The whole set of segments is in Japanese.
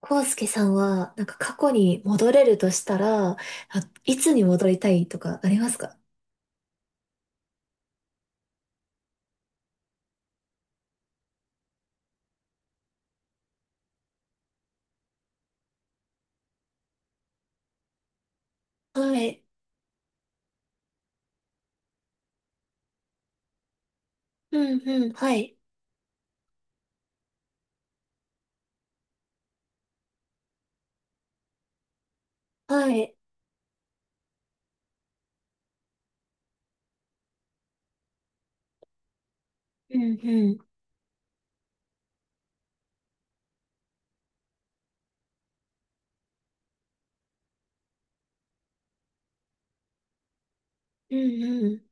コウスケさんは、過去に戻れるとしたら、いつに戻りたいとかありますか？はい。うんうん。はい。はい。うんうん。うんうん。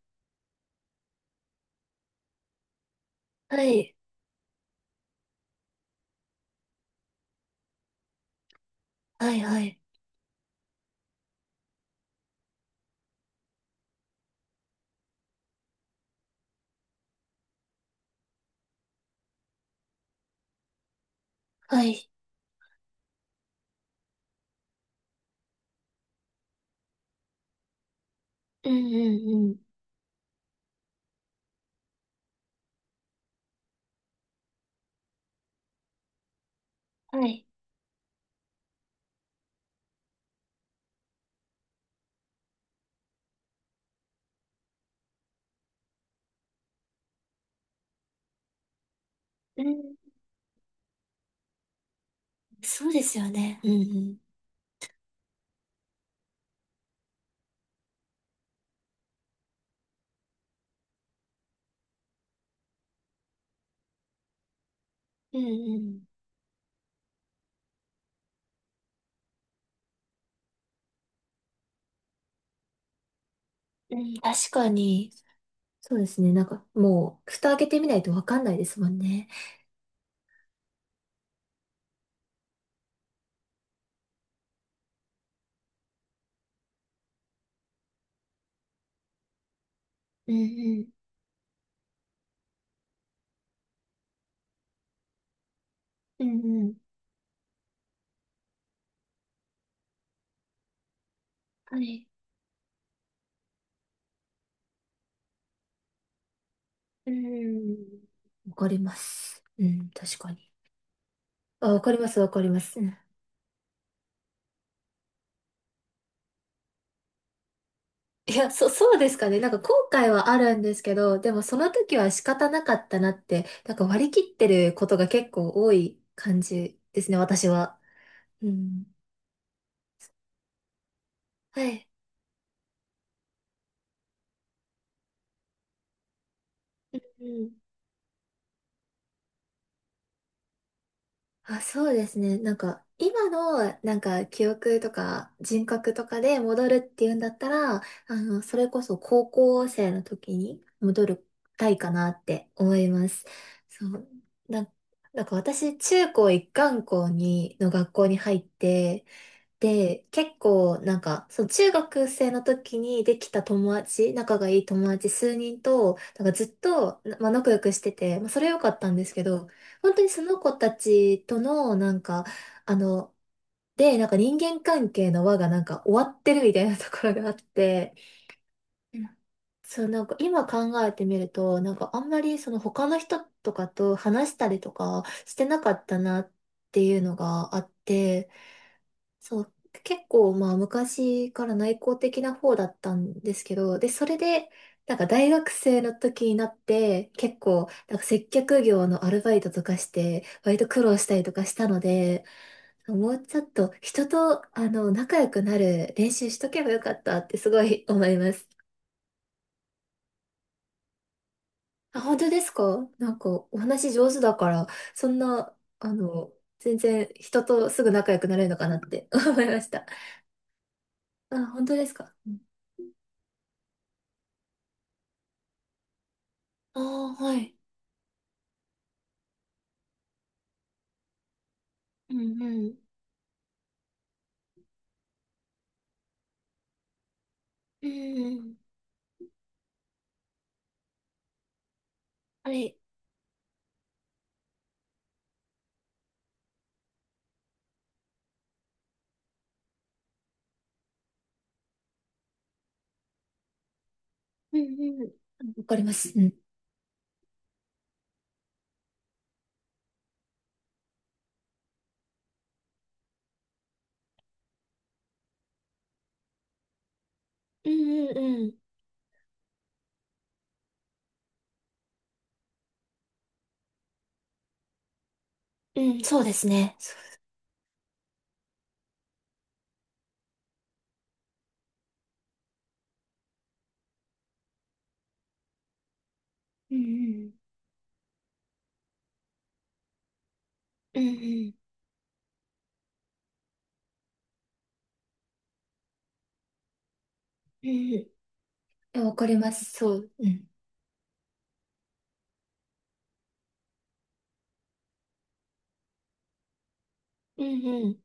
はい。はいはい。はい。うんうんうん。はい。うん。そうですよね。うんうん。うんうん。うん、確かに。そうですね。もう、蓋開けてみないとわかんないですもんね。うんうん。うんうん。はい。うん。わかります。うん、確かに。あ、わかります、わかります。うん。いや、そうですかね。後悔はあるんですけど、でもその時は仕方なかったなって、割り切ってることが結構多い感じですね、私は。うん。はい。うん。あ、そうですね。今の、記憶とか人格とかで戻るっていうんだったら、あの、それこそ高校生の時に戻りたいかなって思います。そう。な、なんか私、中高一貫校に、の学校に入って、で、結構、その中学生の時にできた友達、仲がいい友達数人と、ずっと、まあ、仲良くしてて、まあ、それ良かったんですけど、本当にその子たちとの、なんか、あの、で、なんか人間関係の輪がなんか終わってるみたいなところがあって、うん。そう、なんか今考えてみると、なんかあんまりその他の人とかと話したりとかしてなかったなっていうのがあって、そう、結構まあ昔から内向的な方だったんですけど、で、それで、なんか大学生の時になって、結構、なんか接客業のアルバイトとかして、割と苦労したりとかしたので、もうちょっと人と、あの、仲良くなる練習しとけばよかったってすごい思います。あ、本当ですか？なんかお話上手だから、そんな、あの、全然人とすぐ仲良くなれるのかなって思いました。あ、本当ですか？うん。ああー、はい。うんうん。うんうん。あれ、うんうん。わかります。うん。うんうんうん。うん、そうですね。そう。うんうん。うんうん。うんうん。いや、わかります。そう。うん。うんうん。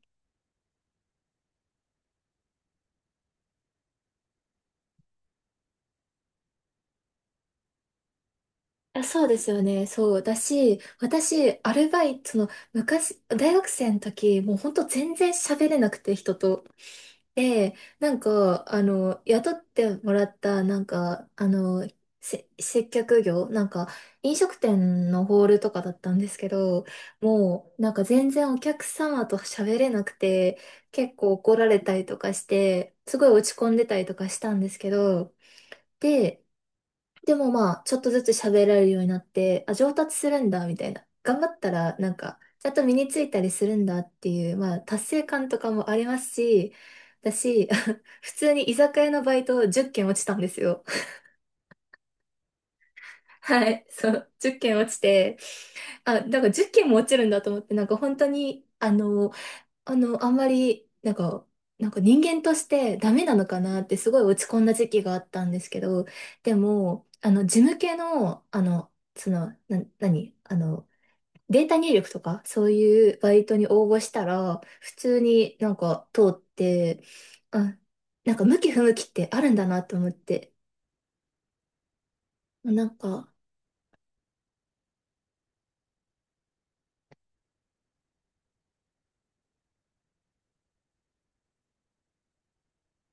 あ、そうですよね。そう。だし、私、アルバイト、その、昔、大学生の時、もうほんと全然喋れなくて、人と。で、なんか、あの、雇ってもらった、なんか、あの、接客業、なんか、飲食店のホールとかだったんですけど、もう、なんか全然お客様と喋れなくて、結構怒られたりとかして、すごい落ち込んでたりとかしたんですけど、で、でもまあ、ちょっとずつ喋られるようになって、あ、上達するんだ、みたいな。頑張ったら、なんか、ちゃんと身についたりするんだっていう、まあ、達成感とかもありますし、だし、普通に居酒屋のバイト10件落ちたんですよ。はい、そう、10件落ちて、あ、なんか10件も落ちるんだと思って、なんか本当に、あの、あの、あんまり、なんか、なんか人間としてダメなのかなってすごい落ち込んだ時期があったんですけど、でも、あの、事務系の、あの、その、何あの、データ入力とか、そういうバイトに応募したら、普通になんか通って、あ、なんか向き不向きってあるんだなと思って、なんか、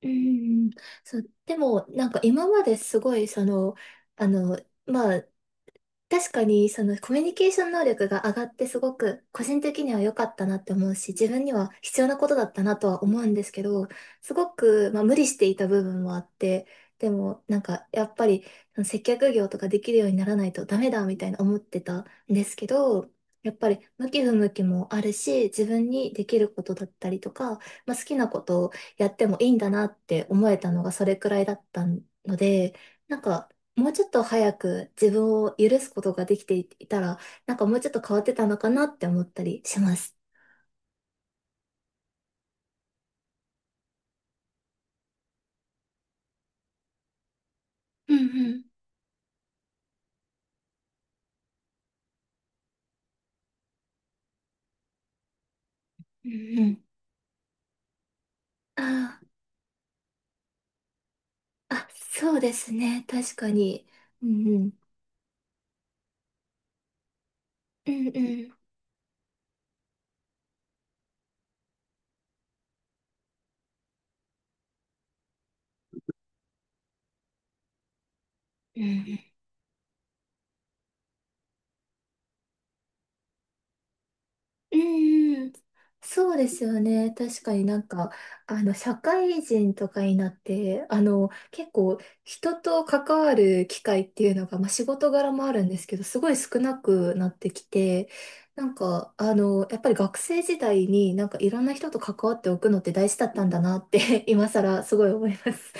うん、そう、でも、なんか今まですごい、その、あの、まあ、確かに、そのコミュニケーション能力が上がってすごく個人的には良かったなって思うし、自分には必要なことだったなとは思うんですけど、すごく、まあ、無理していた部分もあって、でもなんかやっぱりその接客業とかできるようにならないとダメだみたいな思ってたんですけど、やっぱり向き不向きもあるし、自分にできることだったりとか、まあ、好きなことをやってもいいんだなって思えたのがそれくらいだったので、なんかもうちょっと早く自分を許すことができていたら、なんかもうちょっと変わってたのかなって思ったりします。うんうんうん。うん。ああ、あ、そうですね。確かに。うんうん。うんうんうん。うん。うん、そうですよね。確かになんか、あの、社会人とかになって、あの、結構人と関わる機会っていうのが、まあ、仕事柄もあるんですけど、すごい少なくなってきて、なんか、あの、やっぱり学生時代になんかいろんな人と関わっておくのって大事だったんだなって、今更すごい思います。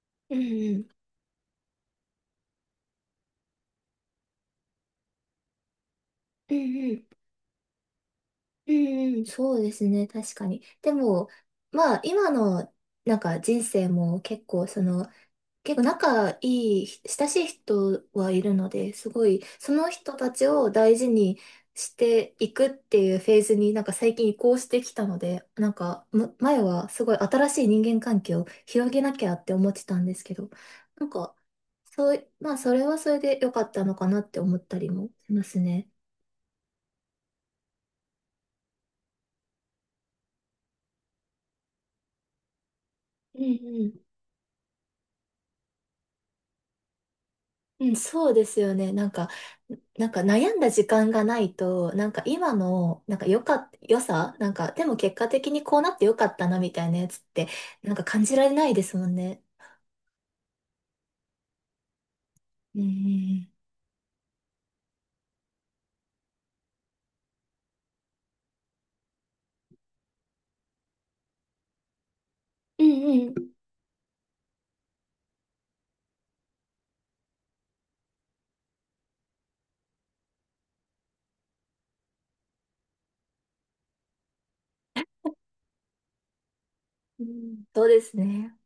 うんうん、うんうんうん。うん、そうですね、確かに。でも、まあ、今の、なんか人生も結構、その、結構仲いい、親しい人はいるので、すごい、その人たちを大事にしていくっていうフェーズになんか最近移行してきたので、なんか、前はすごい新しい人間関係を広げなきゃって思ってたんですけど、なんか、そうい、まあ、それはそれで良かったのかなって思ったりもしますね。うんうん、そうですよね。なんか、なんか悩んだ時間がないと、なんか今の、なんか良さなんか、でも結果的にこうなって良かったなみたいなやつって、なんか感じられないですもんね。うんうんうん。うんうん。うん、そうですね。